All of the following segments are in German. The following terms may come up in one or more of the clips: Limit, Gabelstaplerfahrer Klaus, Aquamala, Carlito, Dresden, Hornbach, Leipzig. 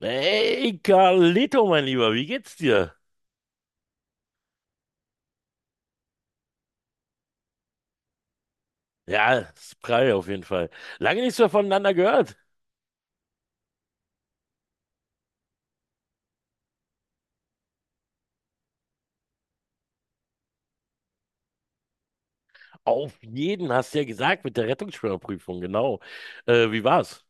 Hey, Carlito, mein Lieber, wie geht's dir? Ja, Spry auf jeden Fall. Lange nichts mehr voneinander gehört. Auf jeden, hast du ja gesagt, mit der Rettungsschwimmerprüfung, genau. Wie war's?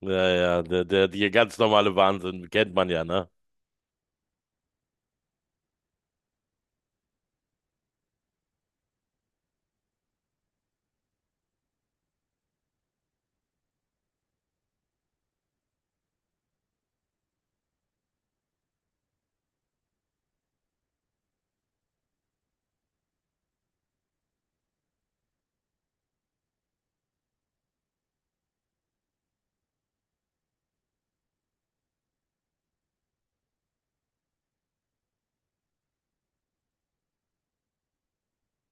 Ja, ja, der ganz normale Wahnsinn, kennt man ja, ne?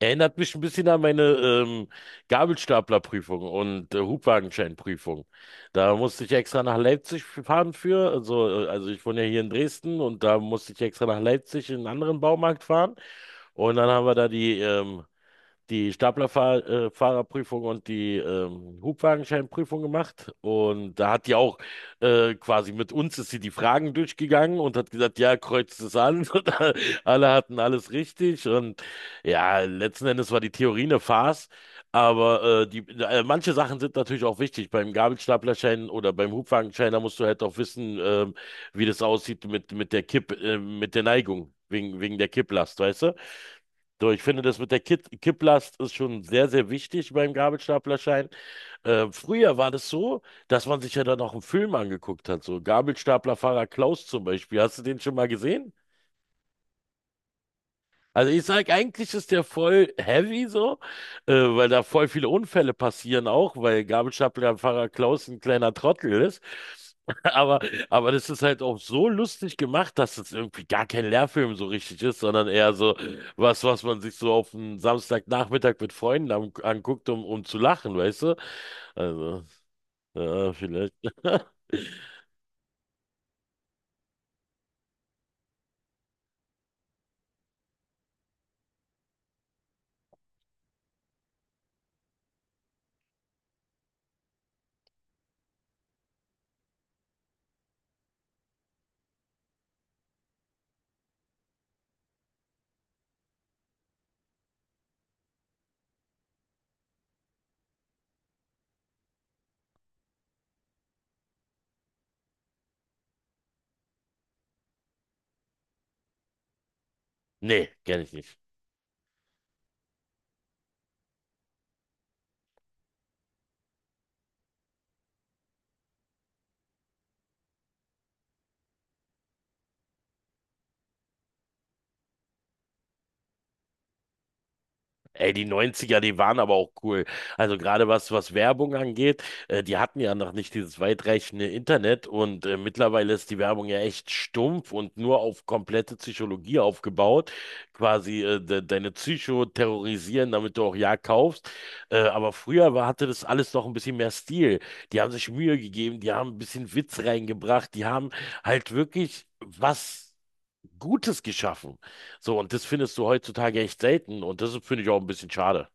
Erinnert mich ein bisschen an meine Gabelstaplerprüfung und Hubwagenscheinprüfung. Da musste ich extra nach Leipzig fahren für. Also ich wohne ja hier in Dresden und da musste ich extra nach Leipzig in einen anderen Baumarkt fahren. Und dann haben wir da die die Staplerfahrerprüfung und die Hubwagenscheinprüfung gemacht. Und da hat die auch quasi mit uns ist sie die Fragen durchgegangen und hat gesagt, ja, kreuzt es an. Und alle hatten alles richtig. Und ja, letzten Endes war die Theorie eine Farce. Aber manche Sachen sind natürlich auch wichtig. Beim Gabelstaplerschein oder beim Hubwagenschein, da musst du halt auch wissen, wie das aussieht mit der mit der Neigung, wegen der Kipplast, weißt du? So, ich finde, das mit der Kipplast ist schon sehr, sehr wichtig beim Gabelstaplerschein. Früher war das so, dass man sich ja dann auch einen Film angeguckt hat. So Gabelstaplerfahrer Klaus zum Beispiel. Hast du den schon mal gesehen? Also ich sag, eigentlich ist der voll heavy so, weil da voll viele Unfälle passieren auch, weil Gabelstaplerfahrer Klaus ein kleiner Trottel ist. Aber, aber das ist halt auch so lustig gemacht, dass es irgendwie gar kein Lehrfilm so richtig ist, sondern eher so was, was man sich so auf einen Samstagnachmittag mit Freunden anguckt, um zu lachen, weißt du? Also, ja, vielleicht. Nee, kenne ich nicht. Ey, die Neunziger, die waren aber auch cool. Also gerade was Werbung angeht, die hatten ja noch nicht dieses weitreichende Internet und mittlerweile ist die Werbung ja echt stumpf und nur auf komplette Psychologie aufgebaut. Quasi de deine Psycho terrorisieren, damit du auch ja kaufst. Aber früher hatte das alles noch ein bisschen mehr Stil. Die haben sich Mühe gegeben, die haben ein bisschen Witz reingebracht, die haben halt wirklich was Gutes geschaffen. So, und das findest du heutzutage echt selten und das finde ich auch ein bisschen schade.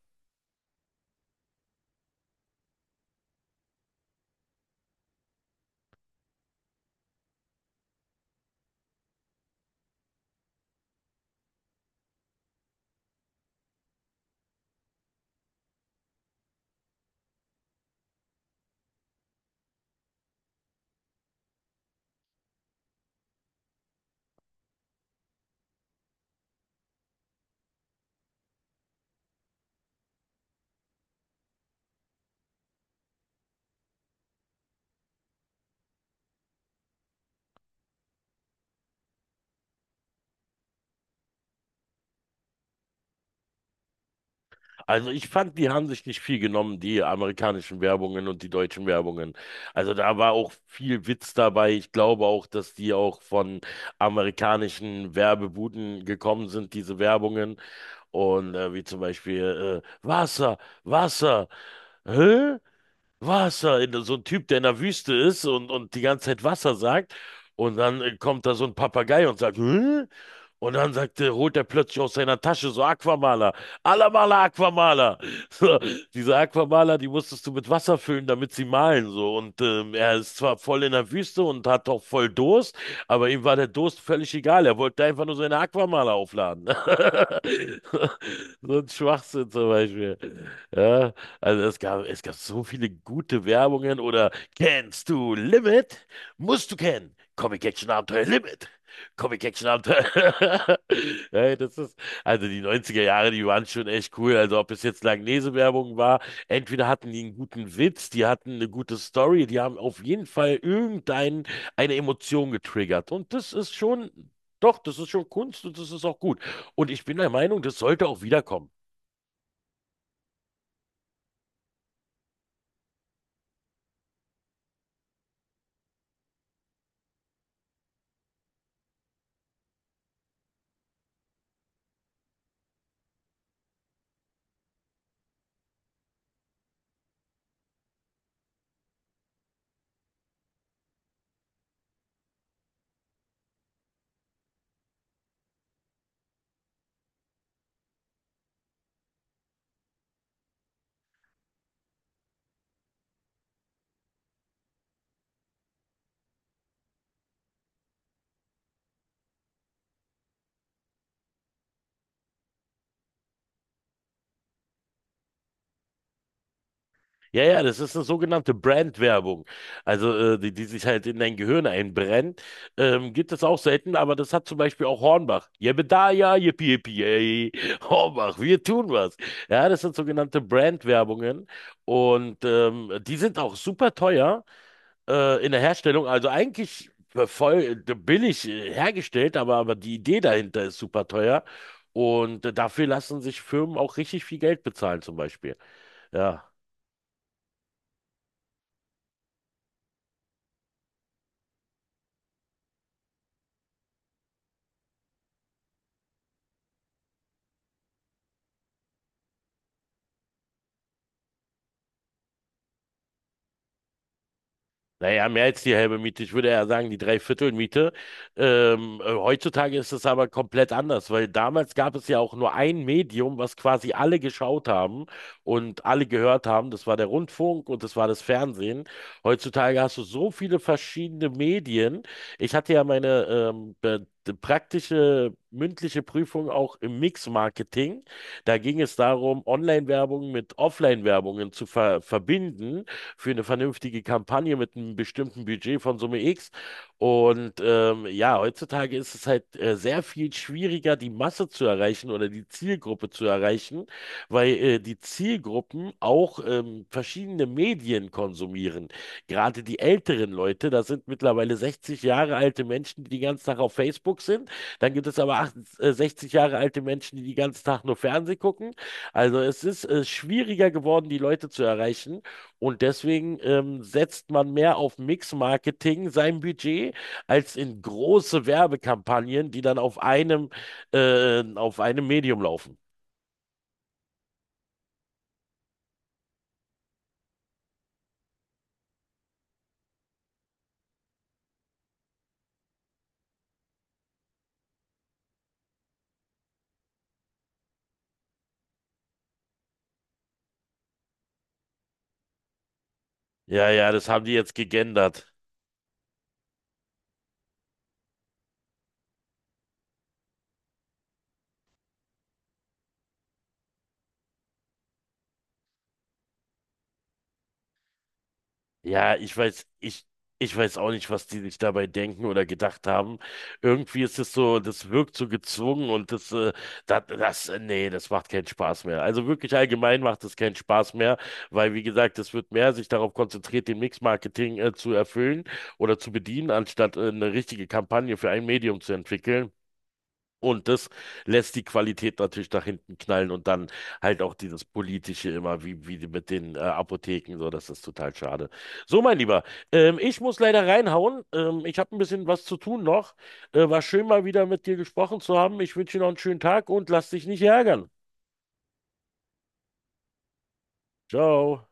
Also ich fand, die haben sich nicht viel genommen, die amerikanischen Werbungen und die deutschen Werbungen. Also da war auch viel Witz dabei. Ich glaube auch, dass die auch von amerikanischen Werbebuden gekommen sind, diese Werbungen. Und wie zum Beispiel Wasser, Wasser, hä? Wasser, in, so ein Typ, der in der Wüste ist und die ganze Zeit Wasser sagt. Und dann kommt da so ein Papagei und sagt, hä? Und dann sagt, holt er plötzlich aus seiner Tasche so Aquamaler. Alamala Aquamala. So, diese Aquamala, die musstest du mit Wasser füllen, damit sie malen. So. Und er ist zwar voll in der Wüste und hat auch voll Durst, aber ihm war der Durst völlig egal. Er wollte einfach nur seine Aquamala aufladen. So ein Schwachsinn zum Beispiel. Ja, also es gab so viele gute Werbungen oder kennst du Limit? Musst du kennen. Comic Action Abenteuer Limit. Comic Action Abend. Hey, das ist, also die neunziger Jahre, die waren schon echt cool. Also ob es jetzt Langnese-Werbung war, entweder hatten die einen guten Witz, die hatten eine gute Story, die haben auf jeden Fall irgendeine eine Emotion getriggert. Und das ist schon, doch, das ist schon Kunst und das ist auch gut. Und ich bin der Meinung, das sollte auch wiederkommen. Ja, ja, das ist eine sogenannte Brandwerbung. Also, die sich halt in dein Gehirn einbrennt. Gibt es auch selten, aber das hat zum Beispiel auch Hornbach. Jebedaya, yippie, yippie, ey. Hornbach, wir tun was. Ja, das sind sogenannte Brandwerbungen. Und die sind auch super teuer in der Herstellung. Also eigentlich voll billig hergestellt, aber die Idee dahinter ist super teuer. Und dafür lassen sich Firmen auch richtig viel Geld bezahlen, zum Beispiel. Ja. Naja, mehr als die halbe Miete. Ich würde eher sagen, die Dreiviertelmiete. Heutzutage ist es aber komplett anders, weil damals gab es ja auch nur ein Medium, was quasi alle geschaut haben und alle gehört haben. Das war der Rundfunk und das war das Fernsehen. Heutzutage hast du so viele verschiedene Medien. Ich hatte ja meine praktische mündliche Prüfung auch im Mix-Marketing. Da ging es darum, Online-Werbung mit Offline-Werbungen zu verbinden für eine vernünftige Kampagne mit einem bestimmten Budget von Summe X. Und ja, heutzutage ist es halt sehr viel schwieriger, die Masse zu erreichen oder die Zielgruppe zu erreichen, weil die Zielgruppen auch verschiedene Medien konsumieren. Gerade die älteren Leute, das sind mittlerweile 60 Jahre alte Menschen, die den ganzen Tag auf Facebook sind. Dann gibt es aber 60 Jahre alte Menschen, die den ganzen Tag nur Fernsehen gucken. Also es ist schwieriger geworden, die Leute zu erreichen. Und deswegen setzt man mehr auf Mix-Marketing sein Budget als in große Werbekampagnen, die dann auf einem Medium laufen. Ja, ja, das haben die jetzt gegendert. Ja, ich weiß auch nicht, was die sich dabei denken oder gedacht haben. Irgendwie ist es so, das wirkt so gezwungen und nee, das macht keinen Spaß mehr. Also wirklich allgemein macht es keinen Spaß mehr, weil, wie gesagt, es wird mehr sich darauf konzentriert, den Mix-Marketing zu erfüllen oder zu bedienen, anstatt, eine richtige Kampagne für ein Medium zu entwickeln. Und das lässt die Qualität natürlich nach hinten knallen und dann halt auch dieses Politische immer, wie die mit den Apotheken, so, das ist total schade. So, mein Lieber, ich muss leider reinhauen. Ich habe ein bisschen was zu tun noch. War schön, mal wieder mit dir gesprochen zu haben. Ich wünsche dir noch einen schönen Tag und lass dich nicht ärgern. Ciao.